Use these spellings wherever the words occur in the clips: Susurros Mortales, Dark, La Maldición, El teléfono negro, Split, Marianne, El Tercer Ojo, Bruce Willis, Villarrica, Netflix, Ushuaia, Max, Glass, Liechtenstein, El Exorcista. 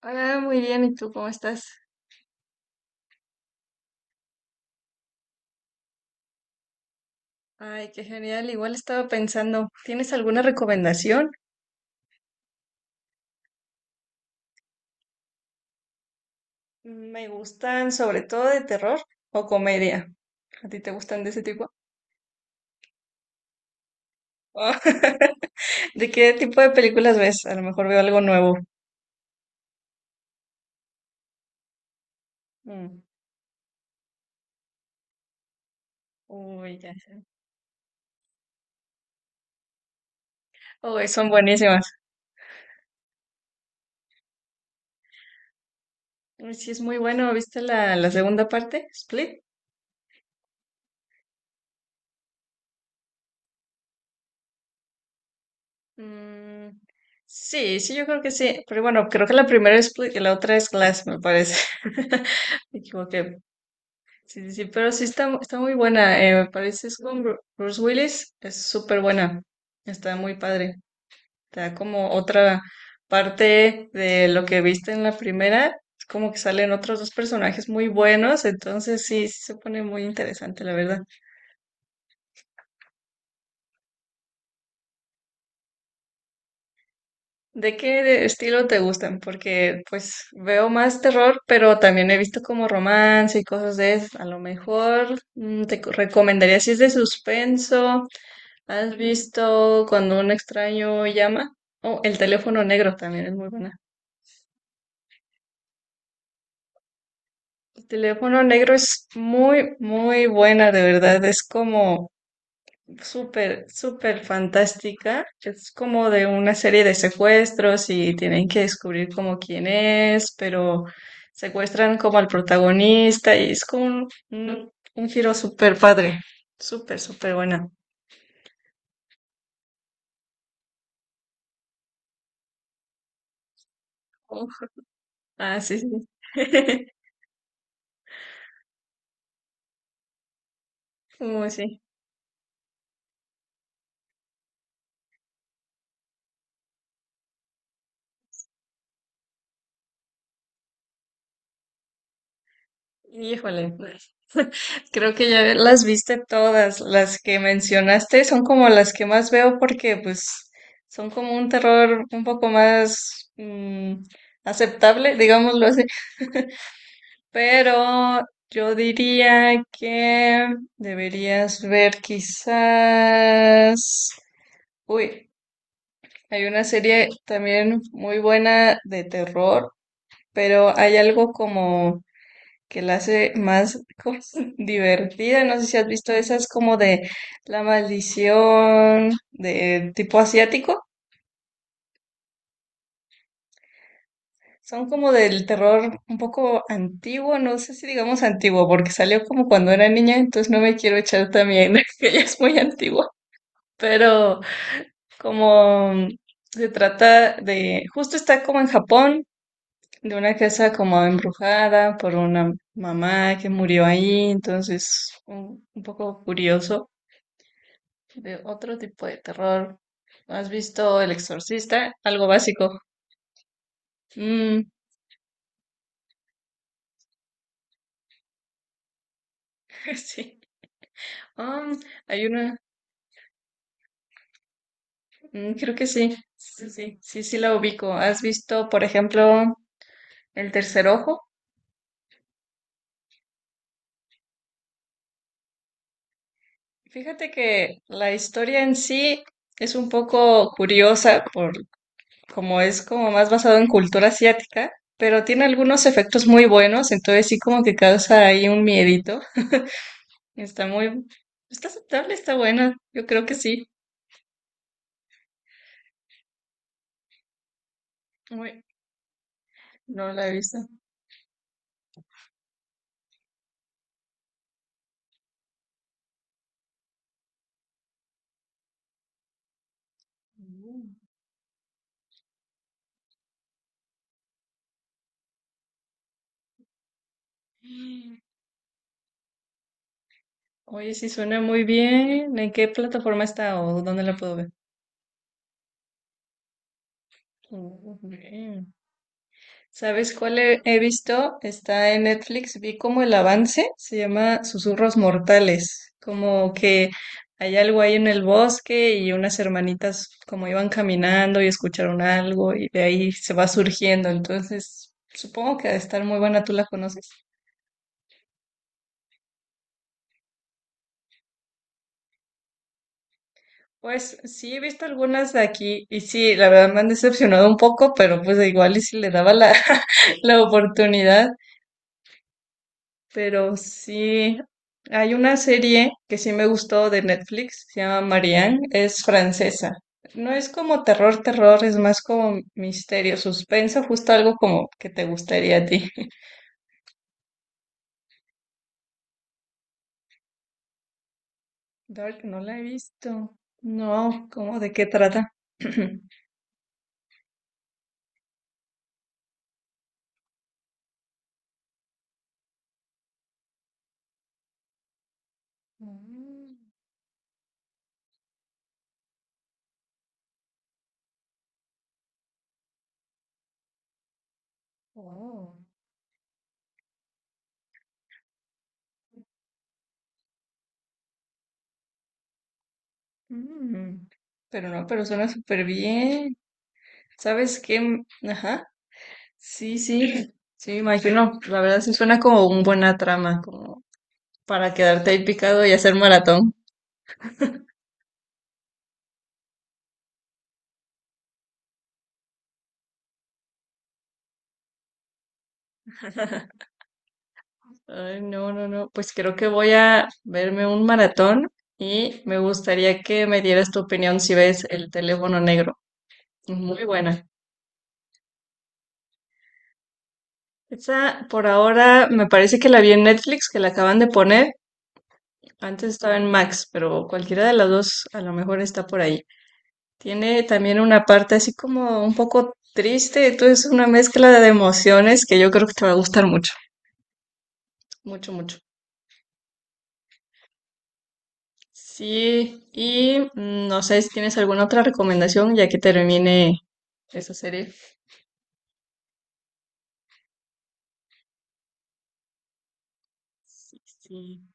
Ah, muy bien, ¿y tú cómo estás? Ay, qué genial. Igual estaba pensando, ¿tienes alguna recomendación? Me gustan sobre todo de terror o comedia. ¿A ti te gustan de ese tipo? Ah, ¿De qué tipo de películas ves? A lo mejor veo algo nuevo. Mm. Uy, ya sé. Uy, son buenísimas. Uy, sí, es muy bueno. ¿Viste la segunda parte? ¿Split? Mm, sí, sí, yo creo que sí. Pero bueno, creo que la primera es Split y la otra es Glass, me parece. Me equivoqué. Sí, sí, sí, pero sí está, está muy buena, me parece, es con Bruce Willis, es súper buena, está muy padre, te da como otra parte de lo que viste en la primera, es como que salen otros dos personajes muy buenos, entonces sí, sí se pone muy interesante, la verdad. ¿De qué estilo te gustan? Porque pues veo más terror, pero también he visto como romance y cosas de esas, a lo mejor te recomendaría si es de suspenso. ¿Has visto cuando un extraño llama? Oh, el teléfono negro también es muy buena. El teléfono negro es muy, muy buena, de verdad. Es como súper, súper fantástica. Es como de una serie de secuestros y tienen que descubrir como quién es, pero secuestran como al protagonista y es como un giro súper padre. Súper, súper buena. Uf. Ah, sí, sí. Muy sí. Híjole. Creo que ya las viste todas, las que mencionaste son como las que más veo porque pues son como un terror un poco más aceptable, digámoslo así, pero yo diría que deberías ver quizás... Uy, hay una serie también muy buena de terror, pero hay algo como que la hace más como divertida. No sé si has visto esas como de La Maldición, de tipo asiático. Son como del terror un poco antiguo, no sé si digamos antiguo, porque salió como cuando era niña, entonces no me quiero echar también, que ella es muy antigua. Pero como se trata de, justo está como en Japón, de una casa como embrujada por una mamá que murió ahí, entonces un poco curioso de otro tipo de terror. ¿No? ¿Has visto El Exorcista? Algo básico. Mm, sí. Um, Hay una. Mm, creo que sí. Sí, sí. Sí, sí la ubico. ¿Has visto, por ejemplo, El Tercer Ojo? Fíjate que la historia en sí es un poco curiosa por como es como más basado en cultura asiática, pero tiene algunos efectos muy buenos, entonces sí como que causa ahí un miedito. Está muy, está aceptable, está buena. Yo creo que sí. Muy. No la he visto. Mm. Oye, sí suena muy bien. ¿En qué plataforma está o dónde la puedo ver? Mm, bien. ¿Sabes cuál he visto? Está en Netflix. Vi como el avance. Se llama Susurros Mortales. Como que hay algo ahí en el bosque y unas hermanitas como iban caminando y escucharon algo y de ahí se va surgiendo. Entonces, supongo que ha de estar muy buena. ¿Tú la conoces? Pues sí, he visto algunas de aquí y sí, la verdad me han decepcionado un poco, pero pues igual y si le daba la, la oportunidad, pero sí, hay una serie que sí me gustó de Netflix, se llama Marianne, es francesa. No es como terror, terror, es más como misterio, suspenso, justo algo como que te gustaría a ti. Dark, no la he visto. No, ¿cómo de qué trata? Mm, wow. Mm, pero no, pero suena súper bien. ¿Sabes qué? M- Ajá. Sí, sí, sí, me imagino. La verdad sí suena como una buena trama, como para quedarte ahí picado y hacer maratón. Ay, no, no, no. Pues creo que voy a verme un maratón y me gustaría que me dieras tu opinión si ves El teléfono negro. Muy buena. Esa por ahora me parece que la vi en Netflix, que la acaban de poner. Antes estaba en Max, pero cualquiera de las dos a lo mejor está por ahí. Tiene también una parte así como un poco triste, entonces es una mezcla de emociones que yo creo que te va a gustar mucho, mucho, mucho. Sí, y no sé si tienes alguna otra recomendación ya que termine esa serie. Sí, sí.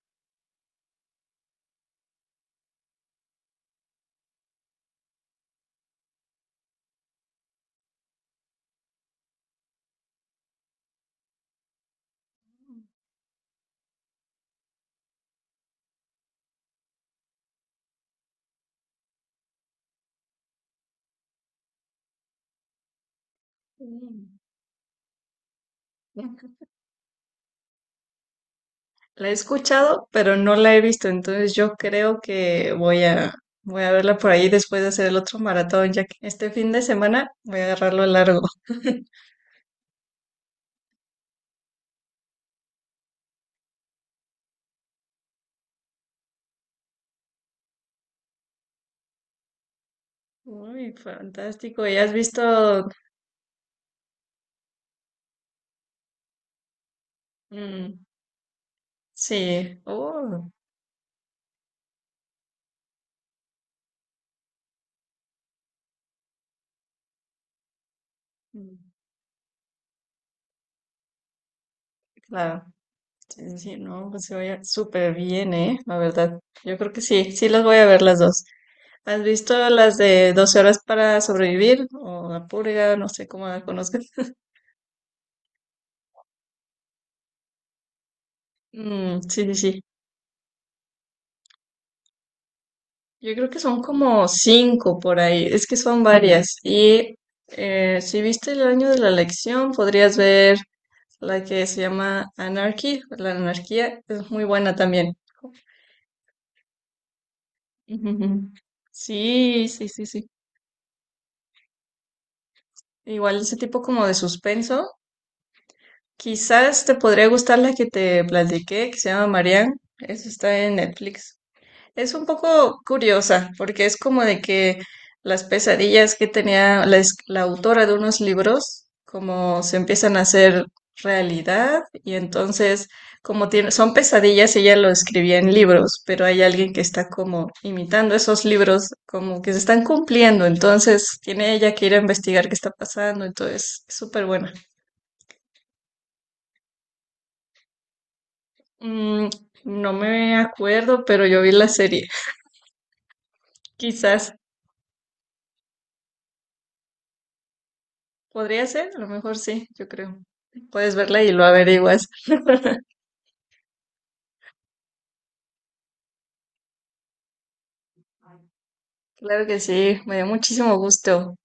Mm. La he escuchado, pero no la he visto, entonces yo creo que voy a verla por ahí después de hacer el otro maratón, ya que este fin de semana voy a agarrarlo largo. Uy, fantástico. ¿Y has visto mm, sí, oh, mm, claro, sí, sí, sí, no, pues se oye súper bien, ¿eh? La verdad, yo creo que sí, sí las voy a ver las dos. ¿Has visto las de 12 horas para sobrevivir o la purga, no sé cómo la conozcas? Mm, sí, sí, sí. Yo creo que son como cinco por ahí, es que son varias. Y si viste el año de la elección, podrías ver la que se llama Anarchy, la anarquía, es muy buena también. Ujú, ujú. Sí, sí, sí, sí. Igual ese tipo como de suspenso. Quizás te podría gustar la que te platiqué, que se llama Marianne. Esa está en Netflix. Es un poco curiosa, porque es como de que las pesadillas que tenía la, la autora de unos libros, como se empiezan a hacer realidad, y entonces, como tiene, son pesadillas, ella lo escribía en libros, pero hay alguien que está como imitando esos libros, como que se están cumpliendo, entonces tiene ella que ir a investigar qué está pasando, entonces es súper buena. Mm, no me acuerdo, pero yo vi la serie, quizás. Podría ser, a lo mejor sí, yo creo. Puedes verla y lo averiguas. Claro que sí, me dio muchísimo gusto.